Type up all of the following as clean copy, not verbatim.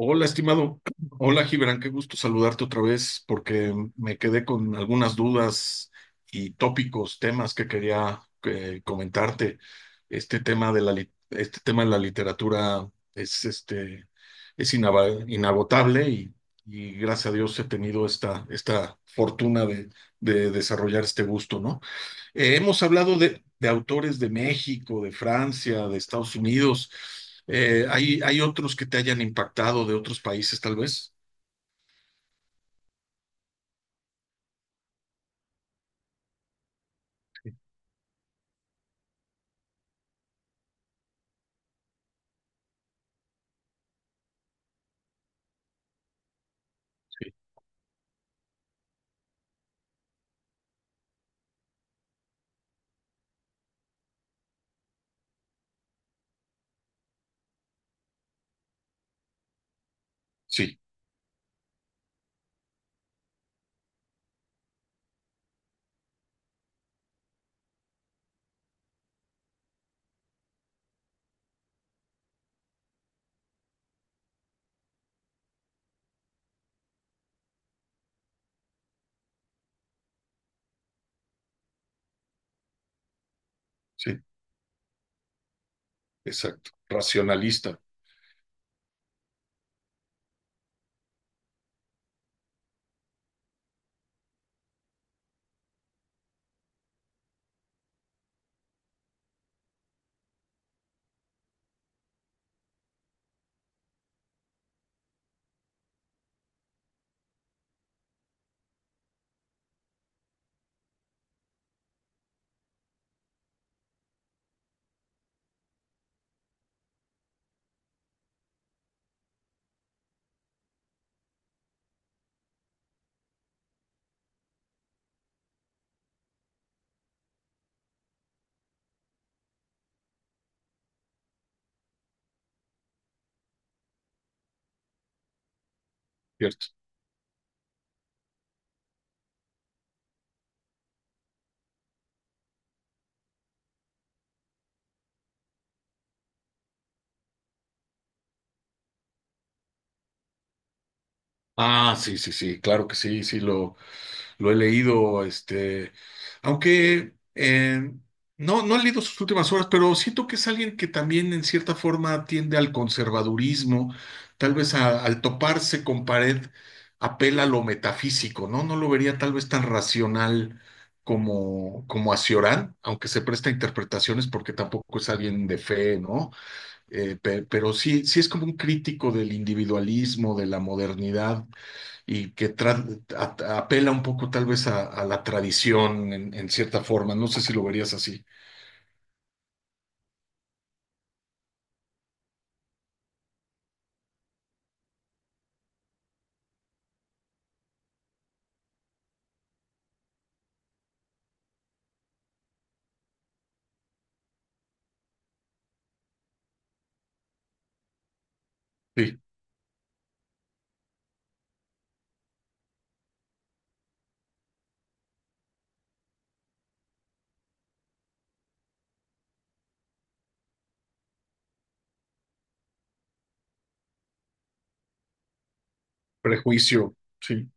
Hola, estimado. Hola, Gibran. Qué gusto saludarte otra vez porque me quedé con algunas dudas y tópicos, temas que quería comentarte. Este tema de este tema de la literatura es, es inagotable y gracias a Dios he tenido esta fortuna de desarrollar este gusto, ¿no? Hemos hablado de autores de México, de Francia, de Estados Unidos. ¿ hay otros que te hayan impactado de otros países, tal vez? Sí, sí, sí, exacto. Racionalista, ¿cierto? Ah, sí, sí, sí, claro que sí, lo he leído, aunque no, no he leído sus últimas obras, pero siento que es alguien que también en cierta forma tiende al conservadurismo, tal vez al toparse con pared apela a lo metafísico, ¿no? No lo vería tal vez tan racional como, como a Ciorán, aunque se presta a interpretaciones porque tampoco es alguien de fe, ¿no? Pero sí, sí es como un crítico del individualismo, de la modernidad y que apela un poco tal vez a la tradición en cierta forma. No sé si lo verías así. Sí, prejuicio, sí,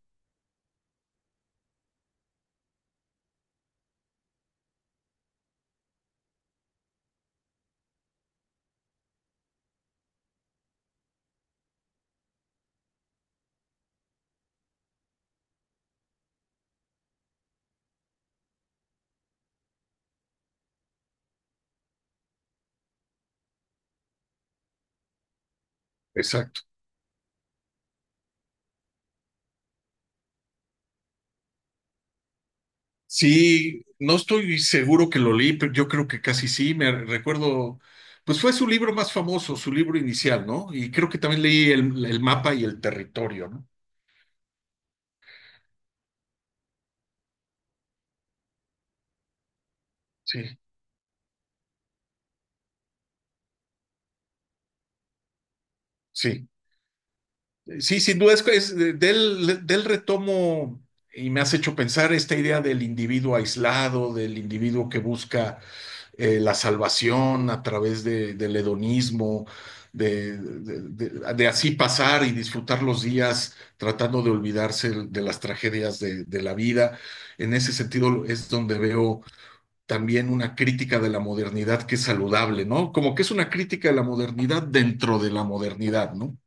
exacto. Sí, no estoy seguro que lo leí, pero yo creo que casi sí. Me recuerdo, pues fue su libro más famoso, su libro inicial, ¿no? Y creo que también leí el mapa y el territorio, ¿no? Sí. Sí, sí, sin duda es del retomo y me has hecho pensar esta idea del individuo aislado, del individuo que busca la salvación a través del hedonismo, de, de- de así pasar y disfrutar los días tratando de olvidarse de las tragedias de la vida. En ese sentido es donde veo también una crítica de la modernidad que es saludable, ¿no? Como que es una crítica de la modernidad dentro de la modernidad, ¿no?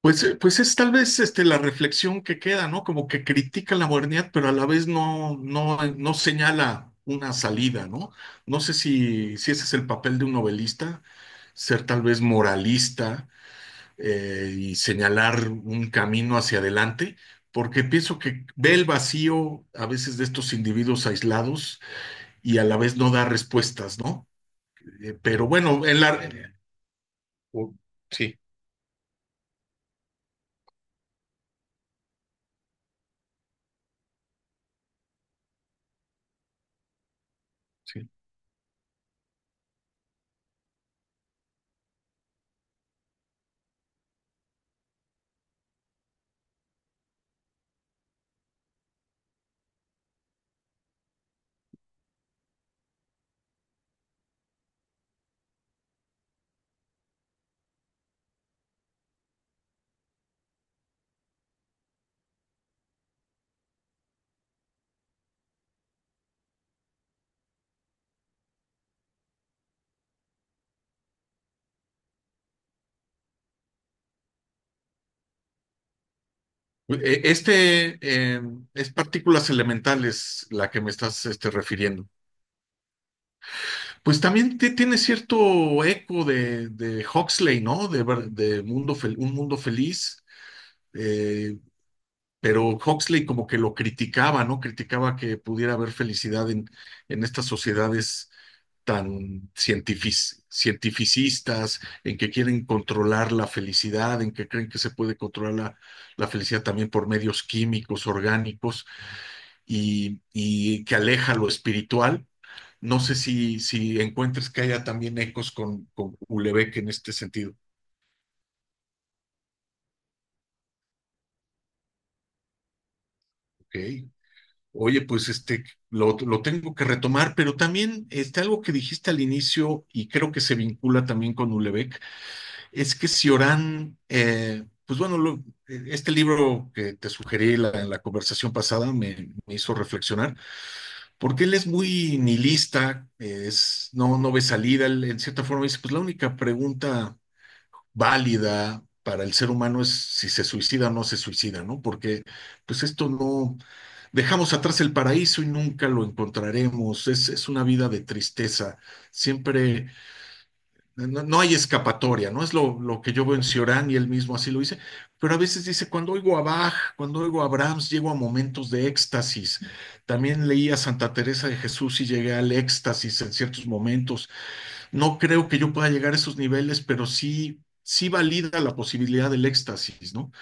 Pues, pues es tal vez la reflexión que queda, ¿no? Como que critica la modernidad, pero a la vez no señala una salida, ¿no? No sé si, si ese es el papel de un novelista, ser tal vez moralista y señalar un camino hacia adelante, porque pienso que ve el vacío a veces de estos individuos aislados y a la vez no da respuestas, ¿no? Pero bueno, en la... Sí, sí. Este es partículas elementales la que me estás refiriendo. Pues también tiene cierto eco de Huxley, ¿no? De mundo un mundo feliz, eh, pero Huxley como que lo criticaba, ¿no? Criticaba que pudiera haber felicidad en estas sociedades tan cientificistas, en que quieren controlar la felicidad, en que creen que se puede controlar la felicidad también por medios químicos, orgánicos, y que aleja lo espiritual. No sé si, si encuentres que haya también ecos con Ulebeck en este sentido. Okay. Oye, pues lo tengo que retomar, pero también algo que dijiste al inicio y creo que se vincula también con Ulebeck, es que si pues bueno, lo, este libro que te sugerí en la conversación pasada me, me hizo reflexionar, porque él es muy nihilista, es, no, no ve salida, él en cierta forma dice, pues la única pregunta válida para el ser humano es si se suicida o no se suicida, ¿no? Porque pues esto no, dejamos atrás el paraíso y nunca lo encontraremos, es una vida de tristeza, siempre no, no hay escapatoria, ¿no? Es lo que yo veo en Ciorán y él mismo así lo dice, pero a veces dice, cuando oigo a Bach, cuando oigo a Brahms, llego a momentos de éxtasis. También leí a Santa Teresa de Jesús y llegué al éxtasis en ciertos momentos. No creo que yo pueda llegar a esos niveles, pero sí, sí valida la posibilidad del éxtasis, ¿no?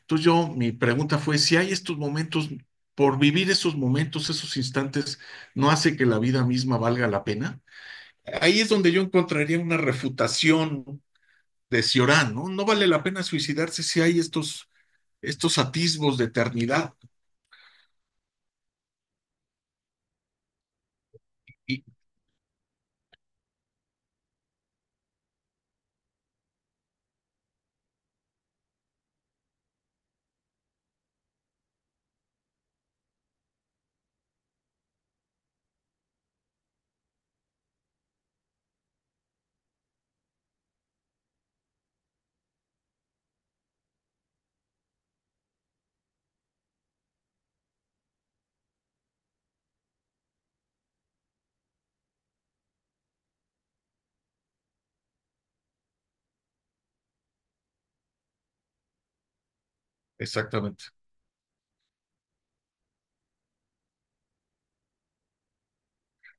Entonces yo, mi pregunta fue, si hay estos momentos, por vivir esos momentos, esos instantes, ¿no hace que la vida misma valga la pena? Ahí es donde yo encontraría una refutación de Ciorán, ¿no? No vale la pena suicidarse si hay estos, estos atisbos de eternidad. Y, exactamente.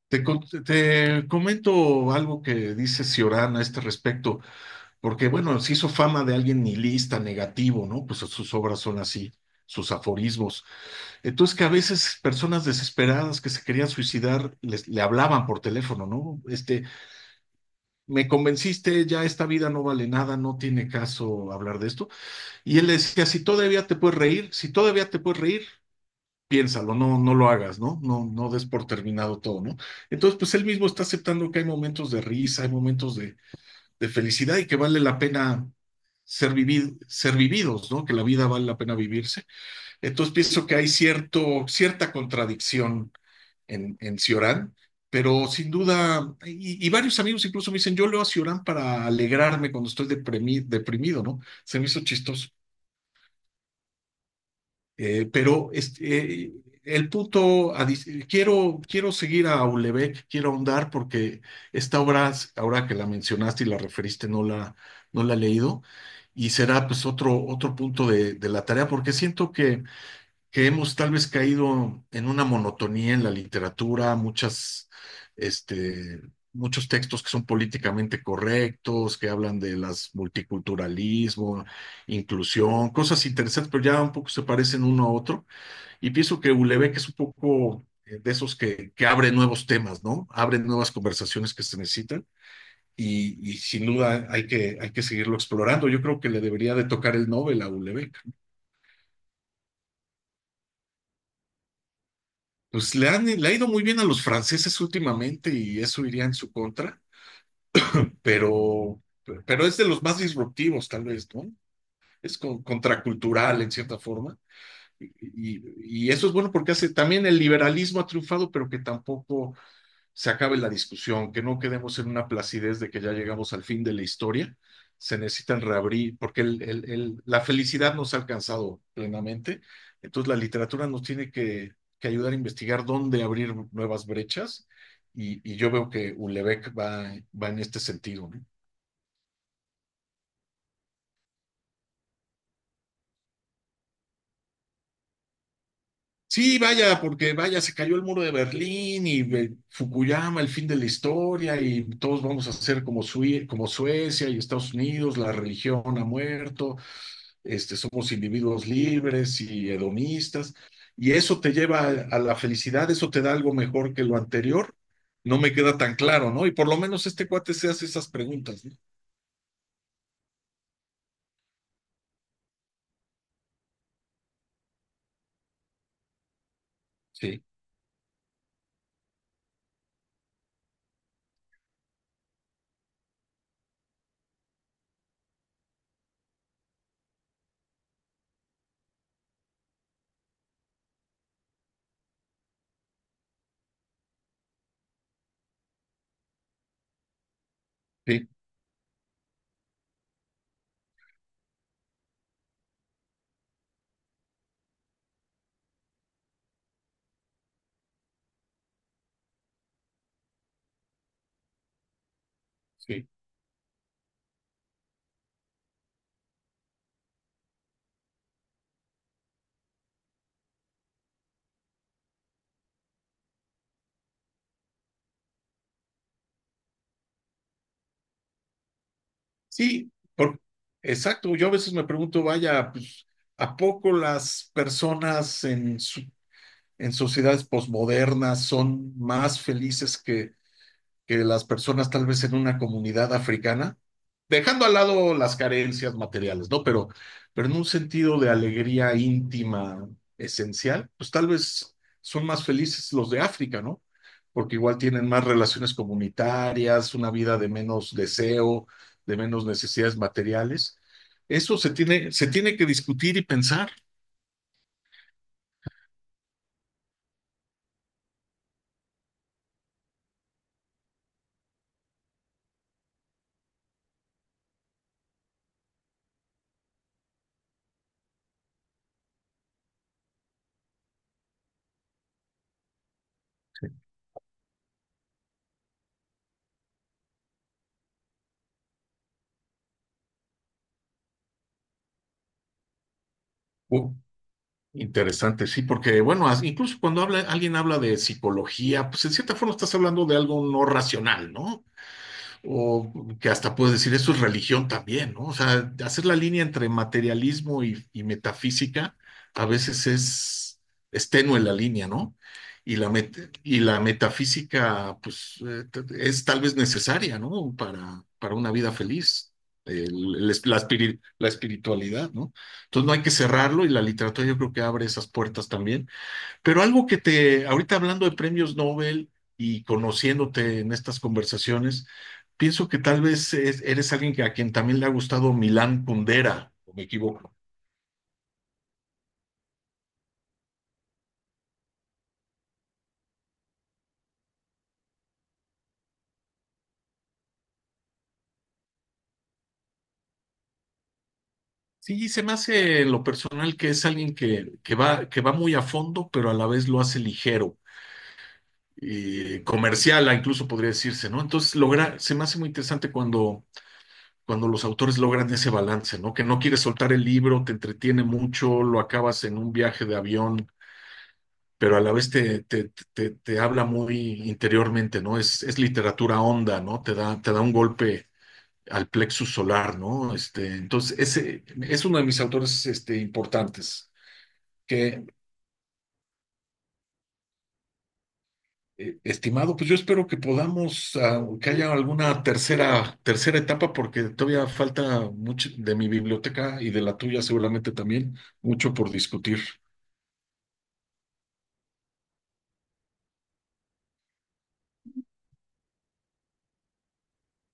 Te, te comento algo que dice Ciorán a este respecto, porque bueno, se hizo fama de alguien nihilista, negativo, ¿no? Pues sus obras son así, sus aforismos. Entonces que a veces personas desesperadas que se querían suicidar le hablaban por teléfono, ¿no? Este, me convenciste, ya esta vida no vale nada, no tiene caso hablar de esto. Y él le decía, si todavía te puedes reír, si todavía te puedes reír, piénsalo, no, no lo hagas, ¿no? No, no des por terminado todo, ¿no? Entonces, pues él mismo está aceptando que hay momentos de risa, hay momentos de felicidad y que vale la pena ser, vivid, ser vividos, ¿no? Que la vida vale la pena vivirse. Entonces, pienso que hay cierto, cierta contradicción en Ciorán, pero sin duda, y, varios amigos incluso me dicen, yo leo a Ciorán para alegrarme cuando estoy deprimido, ¿no? Se me hizo chistoso. Pero el punto, quiero, quiero seguir a Aulebec, quiero ahondar porque esta obra, ahora que la mencionaste y la referiste, no no la he leído y será pues otro, otro punto de la tarea porque siento que hemos tal vez caído en una monotonía en la literatura, este, muchos textos que son políticamente correctos, que hablan de las multiculturalismo, inclusión, cosas interesantes, pero ya un poco se parecen uno a otro. Y pienso que Ulebeck es un poco de esos que abre nuevos temas, ¿no? Abre nuevas conversaciones que se necesitan. Y sin duda hay que seguirlo explorando. Yo creo que le debería de tocar el Nobel a Ulebeck. Pues le han, le ha ido muy bien a los franceses últimamente y eso iría en su contra, pero, pero es de los más disruptivos, tal vez, ¿no? Es contracultural en cierta forma. Y, y eso es bueno porque hace también el liberalismo ha triunfado, pero que tampoco se acabe la discusión, que no quedemos en una placidez de que ya llegamos al fin de la historia. Se necesitan reabrir, porque la felicidad nos ha alcanzado plenamente. Entonces la literatura nos tiene que ayudar a investigar dónde abrir nuevas brechas y yo veo que Ulebeck va, va en este sentido, ¿no? Sí, vaya, porque vaya, se cayó el muro de Berlín y Fukuyama, el fin de la historia, y todos vamos a ser como Suecia y Estados Unidos, la religión ha muerto, este, somos individuos libres y hedonistas, y eso te lleva a la felicidad, eso te da algo mejor que lo anterior. No me queda tan claro, ¿no? Y por lo menos este cuate se hace esas preguntas, ¿no? Sí, sí, sí. Sí, por, exacto. Yo a veces me pregunto, vaya, pues, ¿a poco las personas en sociedades posmodernas son más felices que las personas tal vez en una comunidad africana, dejando al lado las carencias materiales, ¿no? Pero en un sentido de alegría íntima esencial, pues tal vez son más felices los de África, ¿no? Porque igual tienen más relaciones comunitarias, una vida de menos deseo, de menos necesidades materiales. Eso se tiene que discutir y pensar. O- Interesante, sí, porque bueno, incluso cuando habla, alguien habla de psicología, pues en cierta forma estás hablando de algo no racional, ¿no? O que hasta puedes decir eso es religión también, ¿no? O sea, hacer la línea entre materialismo y metafísica a veces es tenue la línea, ¿no? Y y la metafísica, pues, es tal vez necesaria, ¿no? Para una vida feliz, el esp- la, espiri- la espiritualidad, ¿no? Entonces no hay que cerrarlo y la literatura yo creo que abre esas puertas también, pero algo que te, ahorita hablando de premios Nobel y conociéndote en estas conversaciones, pienso que tal vez eres alguien a quien también le ha gustado Milán Kundera, o me equivoco. Sí, se me hace en lo personal que es alguien que va muy a fondo, pero a la vez lo hace ligero, y comercial, incluso podría decirse, ¿no? Entonces, logra, se me hace muy interesante cuando, cuando los autores logran ese balance, ¿no? Que no quieres soltar el libro, te entretiene mucho, lo acabas en un viaje de avión, pero a la vez te habla muy interiormente, ¿no? Es literatura honda, ¿no? Te da un golpe al plexus solar, ¿no? Este, entonces, ese es uno de mis autores importantes, que, estimado, pues yo espero que podamos, ah, que haya alguna tercera, tercera etapa, porque todavía falta mucho de mi biblioteca y de la tuya seguramente también, mucho por discutir.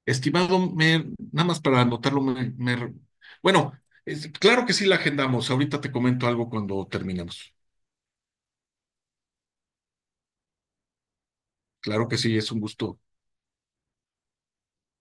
Estimado, nada más para anotarlo, bueno, claro que sí la agendamos. Ahorita te comento algo cuando terminemos. Claro que sí, es un gusto.